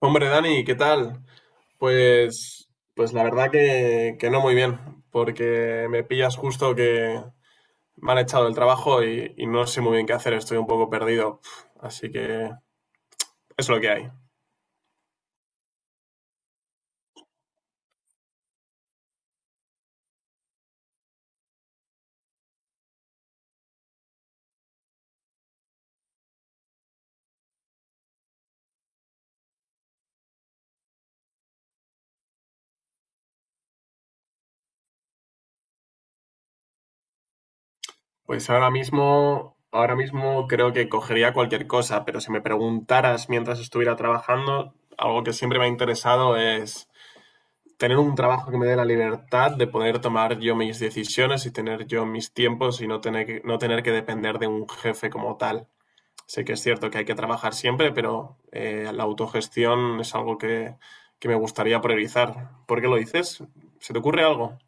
Hombre, Dani, ¿qué tal? Pues, pues, la verdad que no muy bien, porque me pillas justo que me han echado del trabajo y no sé muy bien qué hacer, estoy un poco perdido. Así que eso es lo que hay. Pues ahora mismo creo que cogería cualquier cosa, pero si me preguntaras mientras estuviera trabajando, algo que siempre me ha interesado es tener un trabajo que me dé la libertad de poder tomar yo mis decisiones y tener yo mis tiempos y no tener que depender de un jefe como tal. Sé que es cierto que hay que trabajar siempre, pero la autogestión es algo que me gustaría priorizar. ¿Por qué lo dices? ¿Se te ocurre algo?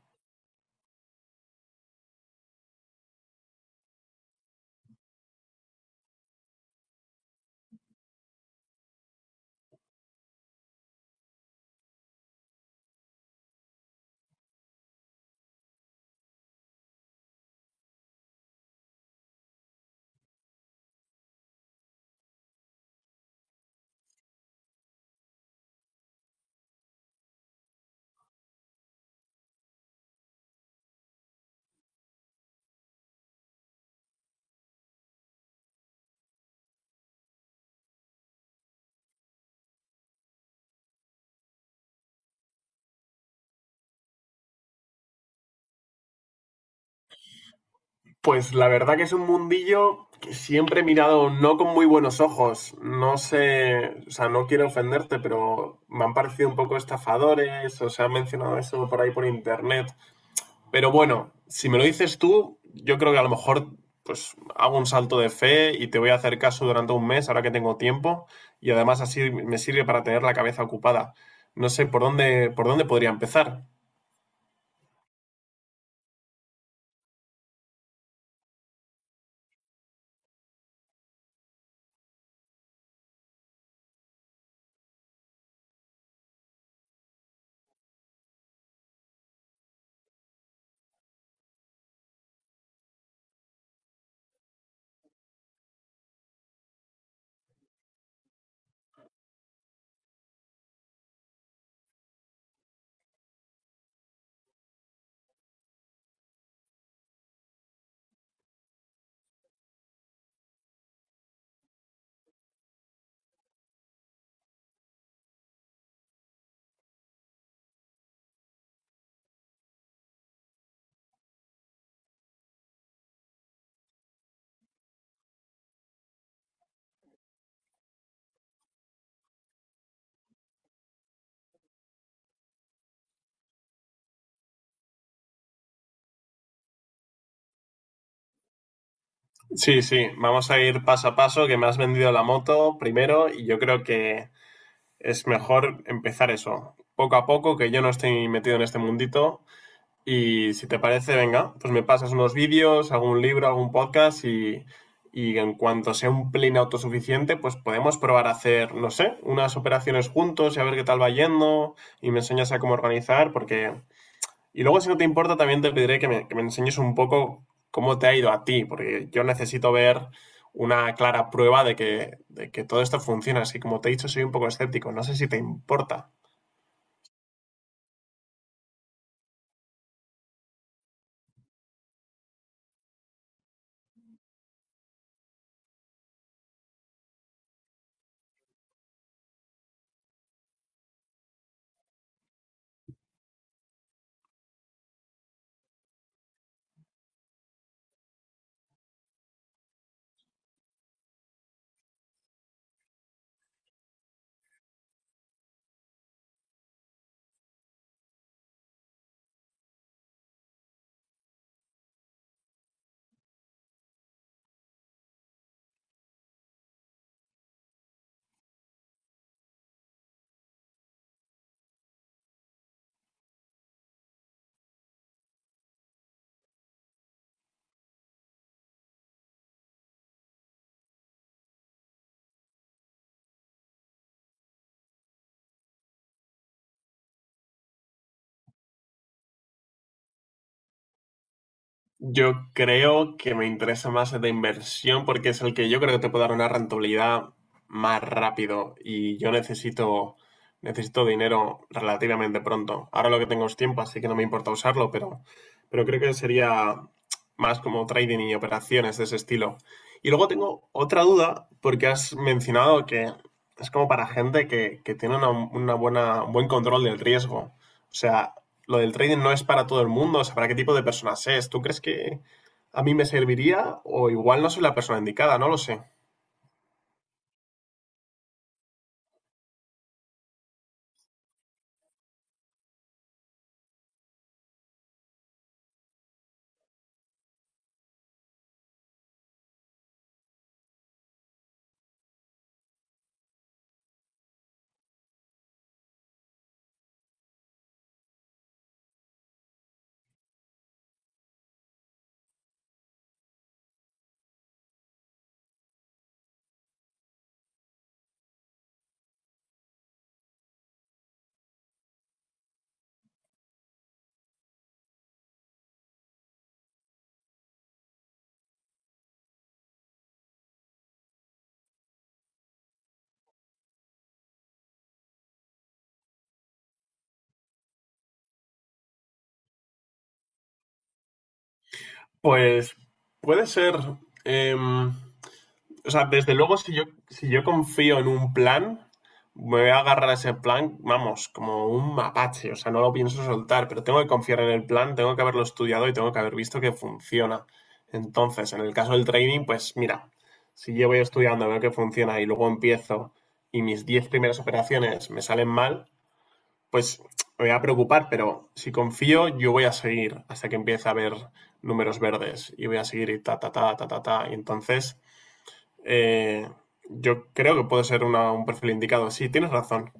Pues la verdad que es un mundillo que siempre he mirado no con muy buenos ojos. No sé, o sea, no quiero ofenderte, pero me han parecido un poco estafadores, o se han mencionado eso por ahí por internet. Pero bueno, si me lo dices tú, yo creo que a lo mejor pues hago un salto de fe y te voy a hacer caso durante un mes, ahora que tengo tiempo, y además así me sirve para tener la cabeza ocupada. No sé por dónde podría empezar. Sí, sí, vamos a ir paso a paso, que me has vendido la moto primero y yo creo que es mejor empezar eso, poco a poco, que yo no estoy metido en este mundito. Y si te parece, venga, pues me pasas unos vídeos, algún libro, algún podcast y en cuanto sea un plane autosuficiente, pues podemos probar a hacer, no sé, unas operaciones juntos y a ver qué tal va yendo y me enseñas a cómo organizar, porque... Y luego, si no te importa, también te pediré que me enseñes un poco cómo te ha ido a ti, porque yo necesito ver una clara prueba de que todo esto funciona. Así como te he dicho, soy un poco escéptico. No sé si te importa. Yo creo que me interesa más el de inversión porque es el que yo creo que te puede dar una rentabilidad más rápido y necesito dinero relativamente pronto. Ahora lo que tengo es tiempo, así que no me importa usarlo, pero creo que sería más como trading y operaciones de ese estilo. Y luego tengo otra duda porque has mencionado que es como para gente que tiene un buen control del riesgo. O sea, lo del trading no es para todo el mundo, o sea, para qué tipo de personas es. ¿Tú crees que a mí me serviría o igual no soy la persona indicada? No lo sé. Pues puede ser... em, o sea, desde luego, si yo confío en un plan, me voy a agarrar a ese plan, vamos, como un mapache, o sea, no lo pienso soltar, pero tengo que confiar en el plan, tengo que haberlo estudiado y tengo que haber visto que funciona. Entonces, en el caso del trading, pues mira, si yo voy estudiando, veo que funciona y luego empiezo y mis 10 primeras operaciones me salen mal, pues me voy a preocupar, pero si confío, yo voy a seguir hasta que empiece a ver números verdes y voy a seguir y ta, ta, ta, ta, ta, ta. Y entonces eh, yo creo que puede ser un perfil indicado. Sí, tienes razón.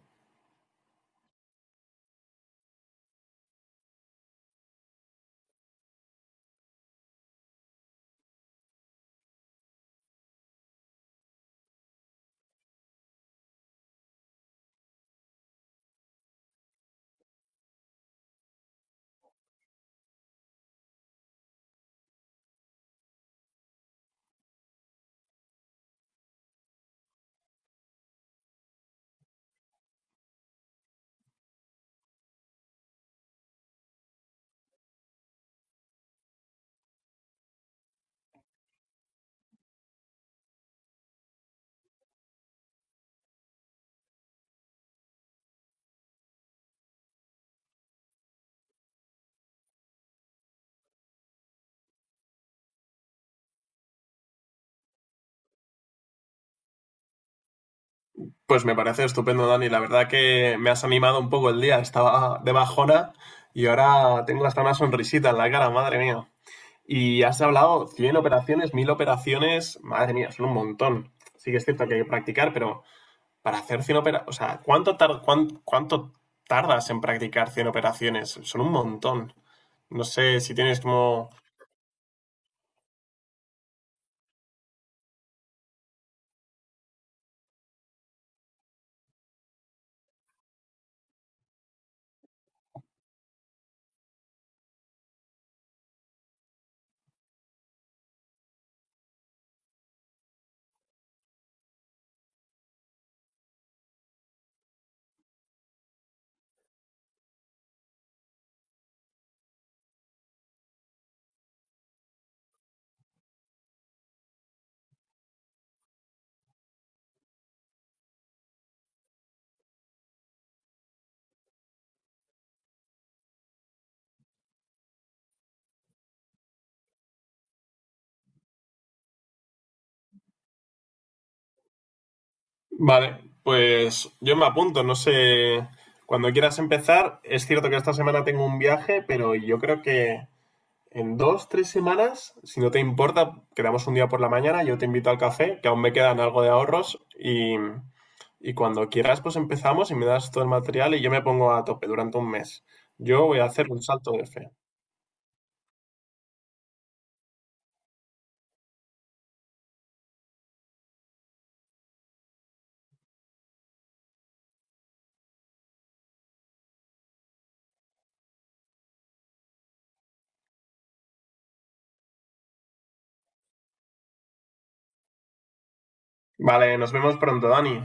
Pues me parece estupendo, Dani. La verdad que me has animado un poco el día. Estaba de bajona y ahora tengo hasta una sonrisita en la cara, madre mía. Y has hablado 100 operaciones, 1000 operaciones. Madre mía, son un montón. Sí que es cierto que hay que practicar, pero para hacer 100 operaciones... O sea, ¿ cuánto tardas en practicar 100 operaciones? Son un montón. No sé si tienes como... Vale, pues yo me apunto, no sé, cuando quieras empezar, es cierto que esta semana tengo un viaje, pero yo creo que en 2, 3 semanas, si no te importa, quedamos un día por la mañana, yo te invito al café, que aún me quedan algo de ahorros y cuando quieras pues empezamos y me das todo el material y yo me pongo a tope durante un mes. Yo voy a hacer un salto de fe. Vale, nos vemos pronto, Dani.